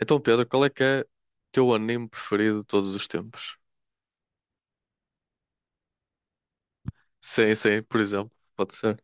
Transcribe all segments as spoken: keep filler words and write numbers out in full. Então, Pedro, qual é que é o teu anime preferido de todos os tempos? Sim, sim, por exemplo, pode ser.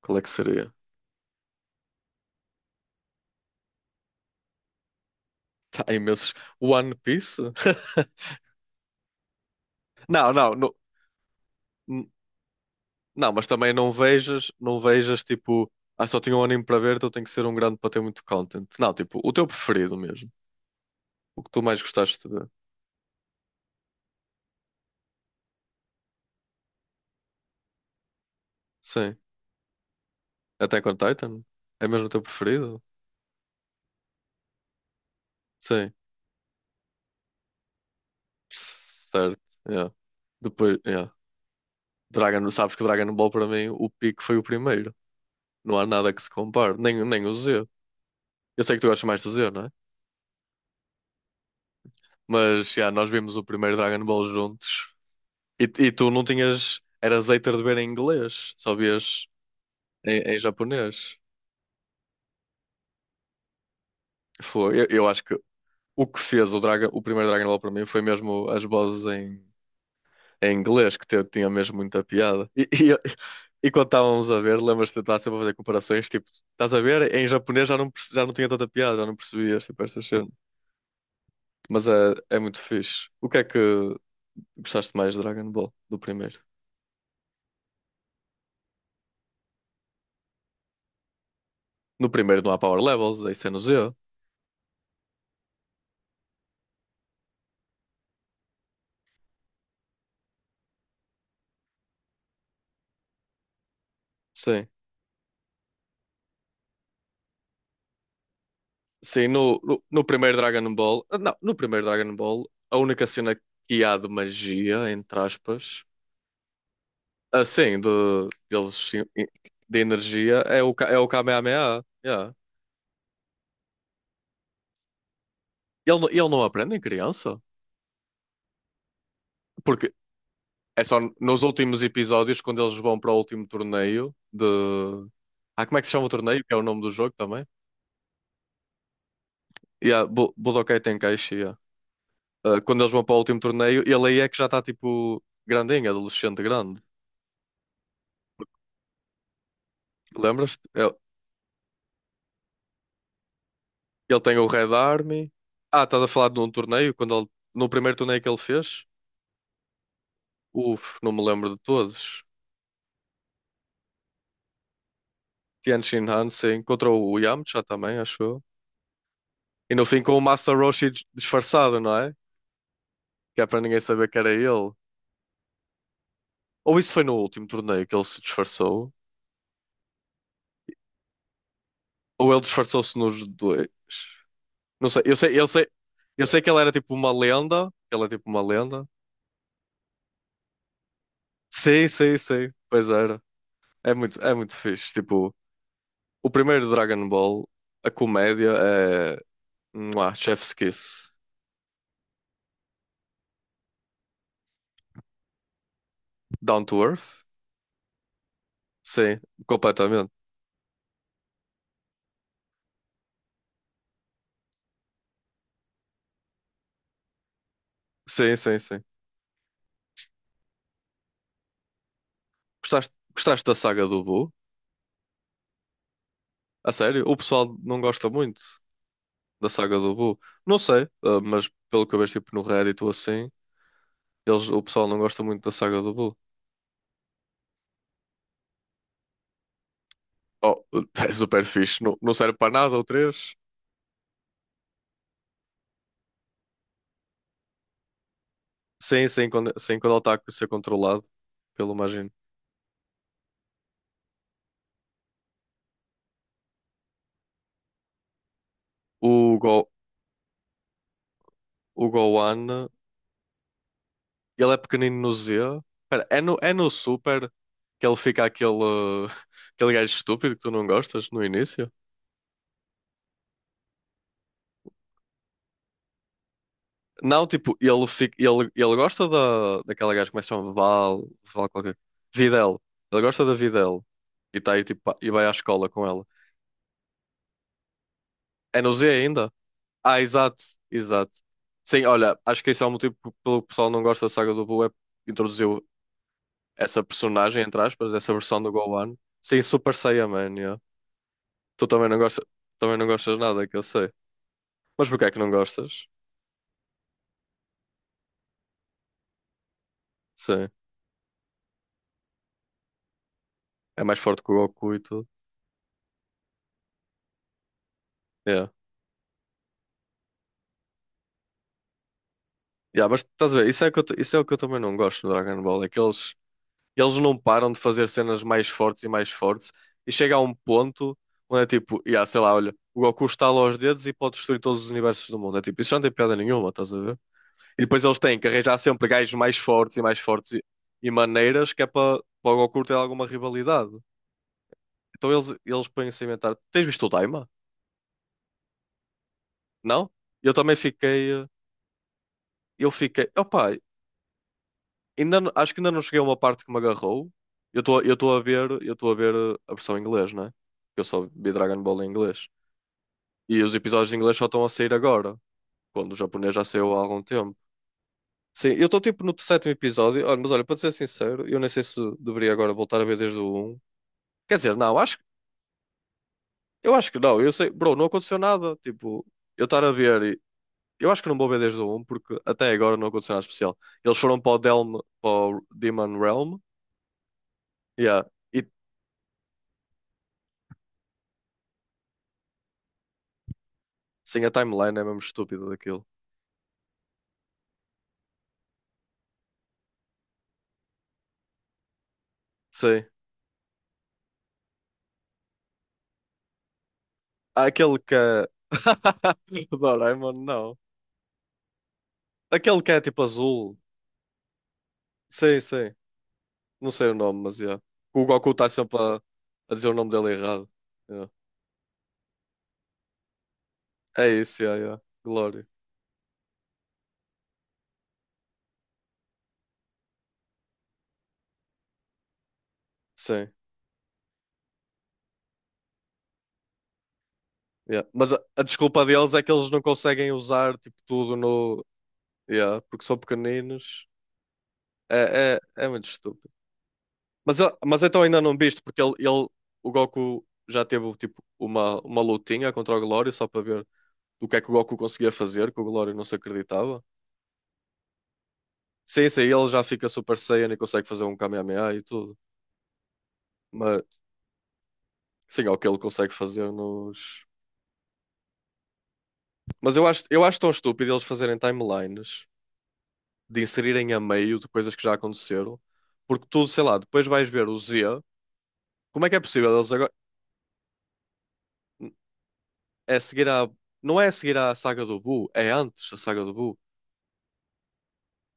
Qual é que seria? Tá, há imensos. One Piece? Não, não, não, n- não, mas também não vejas, não vejas tipo, ah, só tinha um anime para ver, então tem que ser um grande para ter muito content. Não, tipo, o teu preferido mesmo. O que tu mais gostaste de ver. Sim. Attack on Titan? É mesmo o teu preferido? Sim. Certo. Yeah. Depois, yeah. Dragon, sabes que Dragon Ball para mim, o pico foi o primeiro. Não há nada que se compare, nem, nem o Z. Eu sei que tu gostas mais do Z, não é? Mas já, nós vimos o primeiro Dragon Ball juntos e, e tu não tinhas. Eras hater de ver em inglês, só vias em, em japonês. Foi. Eu, eu acho que o que fez o, Draga, o primeiro Dragon Ball para mim foi mesmo as vozes em, em inglês, que te- tinha mesmo muita piada. E, e, e quando estávamos a ver, lembras-te de estar sempre a fazer comparações, tipo, estás a ver? Em japonês já não, perce- já não tinha tanta piada, já não percebias, tipo, estas cenas. Mas é, é muito fixe. O que é que, Gostaste mais de Dragon Ball do primeiro? No primeiro não há Power Levels, isso é no Z. Sim. Sim, no, no, no primeiro Dragon Ball. Ah, Não, no primeiro Dragon Ball, a única cena que há de magia, entre aspas, assim, de, deles, de energia, é o, Ka- é o Kamehameha. Yeah. Ele, não- ele não aprende em criança? Porque é só nos últimos episódios, quando eles vão para o último torneio de. Ah, como é que se chama o torneio? Que é o nome do jogo também? Yeah, Bu- Budokai Tenkaichi. Yeah. Uh, quando eles vão para o último torneio, ele aí é que já está tipo grandinho, adolescente grande. Lembras-te? Ele, ele tem o Red Army. Ah, estás a falar de um torneio? Quando ele, no primeiro torneio que ele fez? Uf, não me lembro de todos. Tianjin Hansen contra o Yamcha também, acho eu. E no fim com o Master Roshi dis- disfarçado, não é? Que é para ninguém saber que era ele. Ou isso foi no último torneio que ele se disfarçou? Ou ele disfarçou-se nos dois? Não sei, eu sei, eu sei, eu sei que ele era tipo uma lenda, que ele é tipo uma lenda, sim, sim, sim. Pois era. É muito, é muito fixe. Tipo, o primeiro Dragon Ball, a comédia é. Mua, Chef's Kiss. Down to Earth? Sim, completamente. Sim, sim, sim. Gostaste, gostaste da saga do Boo? A sério? O pessoal não gosta muito da saga do Boo. Não sei, ah, mas pelo que eu vejo tipo, no Reddit ou assim, eles, o pessoal não gosta muito da saga do Boo. Oh, é super fixe. Não, não serve para nada o três. Sim, sim, quando, sim, quando ele está a ser controlado pelo Majin. O, Go, o Gohan, ele é pequenino no Z. Pera, é no, é no Super que ele fica aquele, aquele gajo estúpido que tu não gostas no início? Não, tipo, ele, fica, ele, ele gosta da, daquela gaja que começa a Val, Val qualquer. Videl. Ele gosta da Videl. E tá aí, tipo, pa- e vai à escola com ela. É no Z ainda? Ah, exato, exato. Sim, olha, acho que esse é o motivo pelo que o pessoal não gosta da saga do Boo, é introduzir essa personagem, entre aspas, essa versão do Gohan, sem Super Saiyaman, yeah. Tu também não gostas, também não gostas nada, que eu sei. Mas porquê é que não gostas? Sim, é mais forte que o Goku e tudo. Yeah. Yeah, mas estás a ver, isso é, que eu, t- isso é o que eu também não gosto no Dragon Ball, é que eles, eles não param de fazer cenas mais fortes e mais fortes, e chega a um ponto onde é tipo, yeah, sei lá, olha, o Goku estala os dedos e pode destruir todos os universos do mundo. É tipo, isso já não tem piada nenhuma, estás a ver? E depois eles têm que arranjar sempre gajos mais fortes e mais fortes e, e maneiras que é para para o Goku ter alguma rivalidade. Então eles, eles põem-se a inventar. Tens visto o Daima? Não? Eu também fiquei. eh, Eu fiquei. Opa, ainda, não- acho que ainda não cheguei a uma parte que me agarrou. Eu estou eu estou a ver, eu estou a ver eh, a versão em inglês, né? Eu só vi Dragon Ball em inglês. E os episódios em inglês só estão a sair agora, quando o japonês já saiu há algum tempo. Sim, eu estou tipo no sétimo episódio. Olha, mas olha, para te ser sincero, eu nem sei se deveria agora voltar a ver desde o um. Quer dizer, não, acho, eu acho que não. Eu sei, bro, não aconteceu nada. Tipo, eu estar a ver. e- Eu acho que não vou ver desde o um porque até agora não aconteceu nada especial. Eles foram para o, Delm, para o Demon Realm. Yeah. E sim, a timeline é mesmo estúpida daquilo. Sim. Há aquele que é. O Doraemon, não. Aquele que é tipo azul. Sim, sim. Não sei o nome, mas yeah. O Goku está sempre a, a dizer o nome dele errado. Yeah. É isso, yeah, yeah. Glória. Sim. Yeah. Mas a, a desculpa deles é que eles não conseguem usar tipo tudo no. Yeah, porque são pequeninos. É, é, é muito estúpido. Mas, a- mas então ainda não viste, porque ele, ele, o Goku já teve tipo uma, uma lutinha contra o Glória só para ver do que é que o Goku conseguia fazer, que o Glória não se acreditava. Sim, sim, ele já fica Super Saiyan e consegue fazer um Kamehameha e tudo. Mas sim, é o que ele consegue fazer nos. Mas eu acho, eu acho tão estúpido eles fazerem timelines. De inserirem a meio de coisas que já aconteceram, porque tudo, sei lá, depois vais ver o Z. Como é que é possível eles agora. É seguir a. Não é seguir a saga do Buu, é antes da saga do Buu.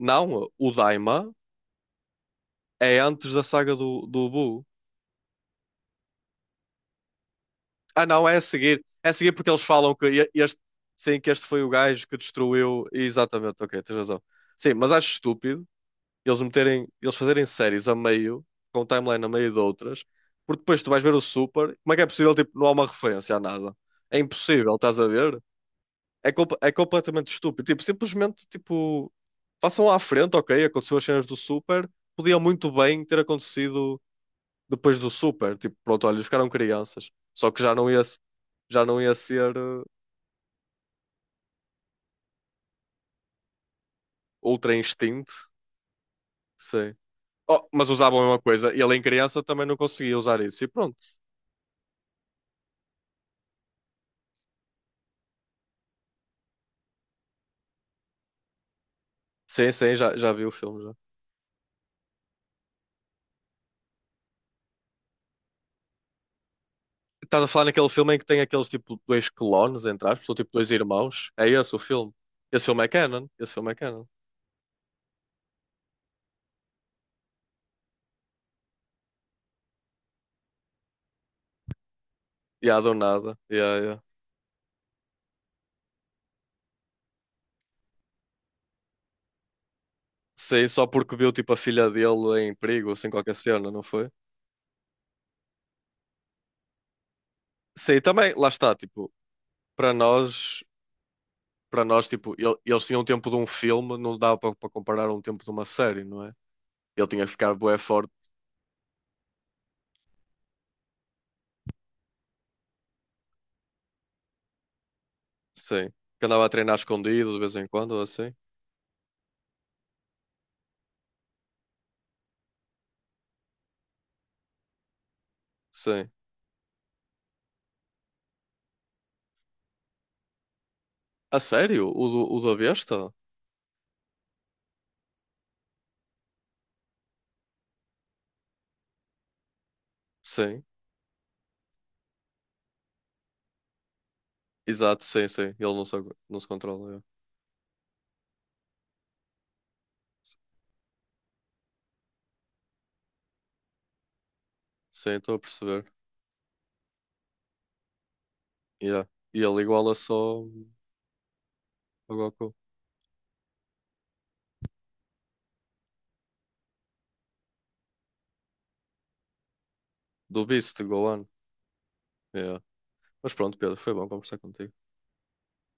Não, o Daima é antes da saga do, do Buu. Ah, não, é a seguir. É a seguir porque eles falam que e- este. Sim, que este foi o gajo que destruiu. Exatamente, ok, tens razão. Sim, mas acho estúpido eles meterem, eles fazerem séries a meio, com um timeline a meio de outras, porque depois tu vais ver o Super, como é que é possível, tipo, não há uma referência a nada? É impossível, estás a ver? É, compa- é completamente estúpido. Tipo, simplesmente, tipo, façam lá à frente, ok, aconteceu as cenas do Super, podia muito bem ter acontecido depois do Super, tipo, pronto, olha, eles ficaram crianças, só que já não ia, se- já não ia ser eh, Ultra Instinct, sei. Oh, mas usavam a mesma coisa. E ele em criança também não conseguia usar isso. E pronto. Sim, sim, já, já vi o filme. Estás a falar naquele filme em que tem aqueles tipo dois clones, entre aspas, ou tipo dois irmãos? É esse o filme? Esse filme é canon? Esse filme é canon. E yeah, do nada. Yeah, yeah. Sei, só porque viu tipo a filha dele em perigo, sem qualquer cena, não foi? Sim também, lá está, tipo, para nós, para nós, tipo, ele- eles tinham o tempo de um filme, não dava para para comparar um tempo de uma série, não é? Ele tinha que ficar bué forte, sim. Que andava a treinar escondido de vez em quando, ou assim. Sim. A sério? O do, o da besta? Sim. Exato, sim, sim. Ele não se, não se controla. É. Sim, estou a perceber. Yeah. E ele iguala só o Goku. Do Beast, Gohan. Yeah. Mas pronto, Pedro, foi bom conversar contigo.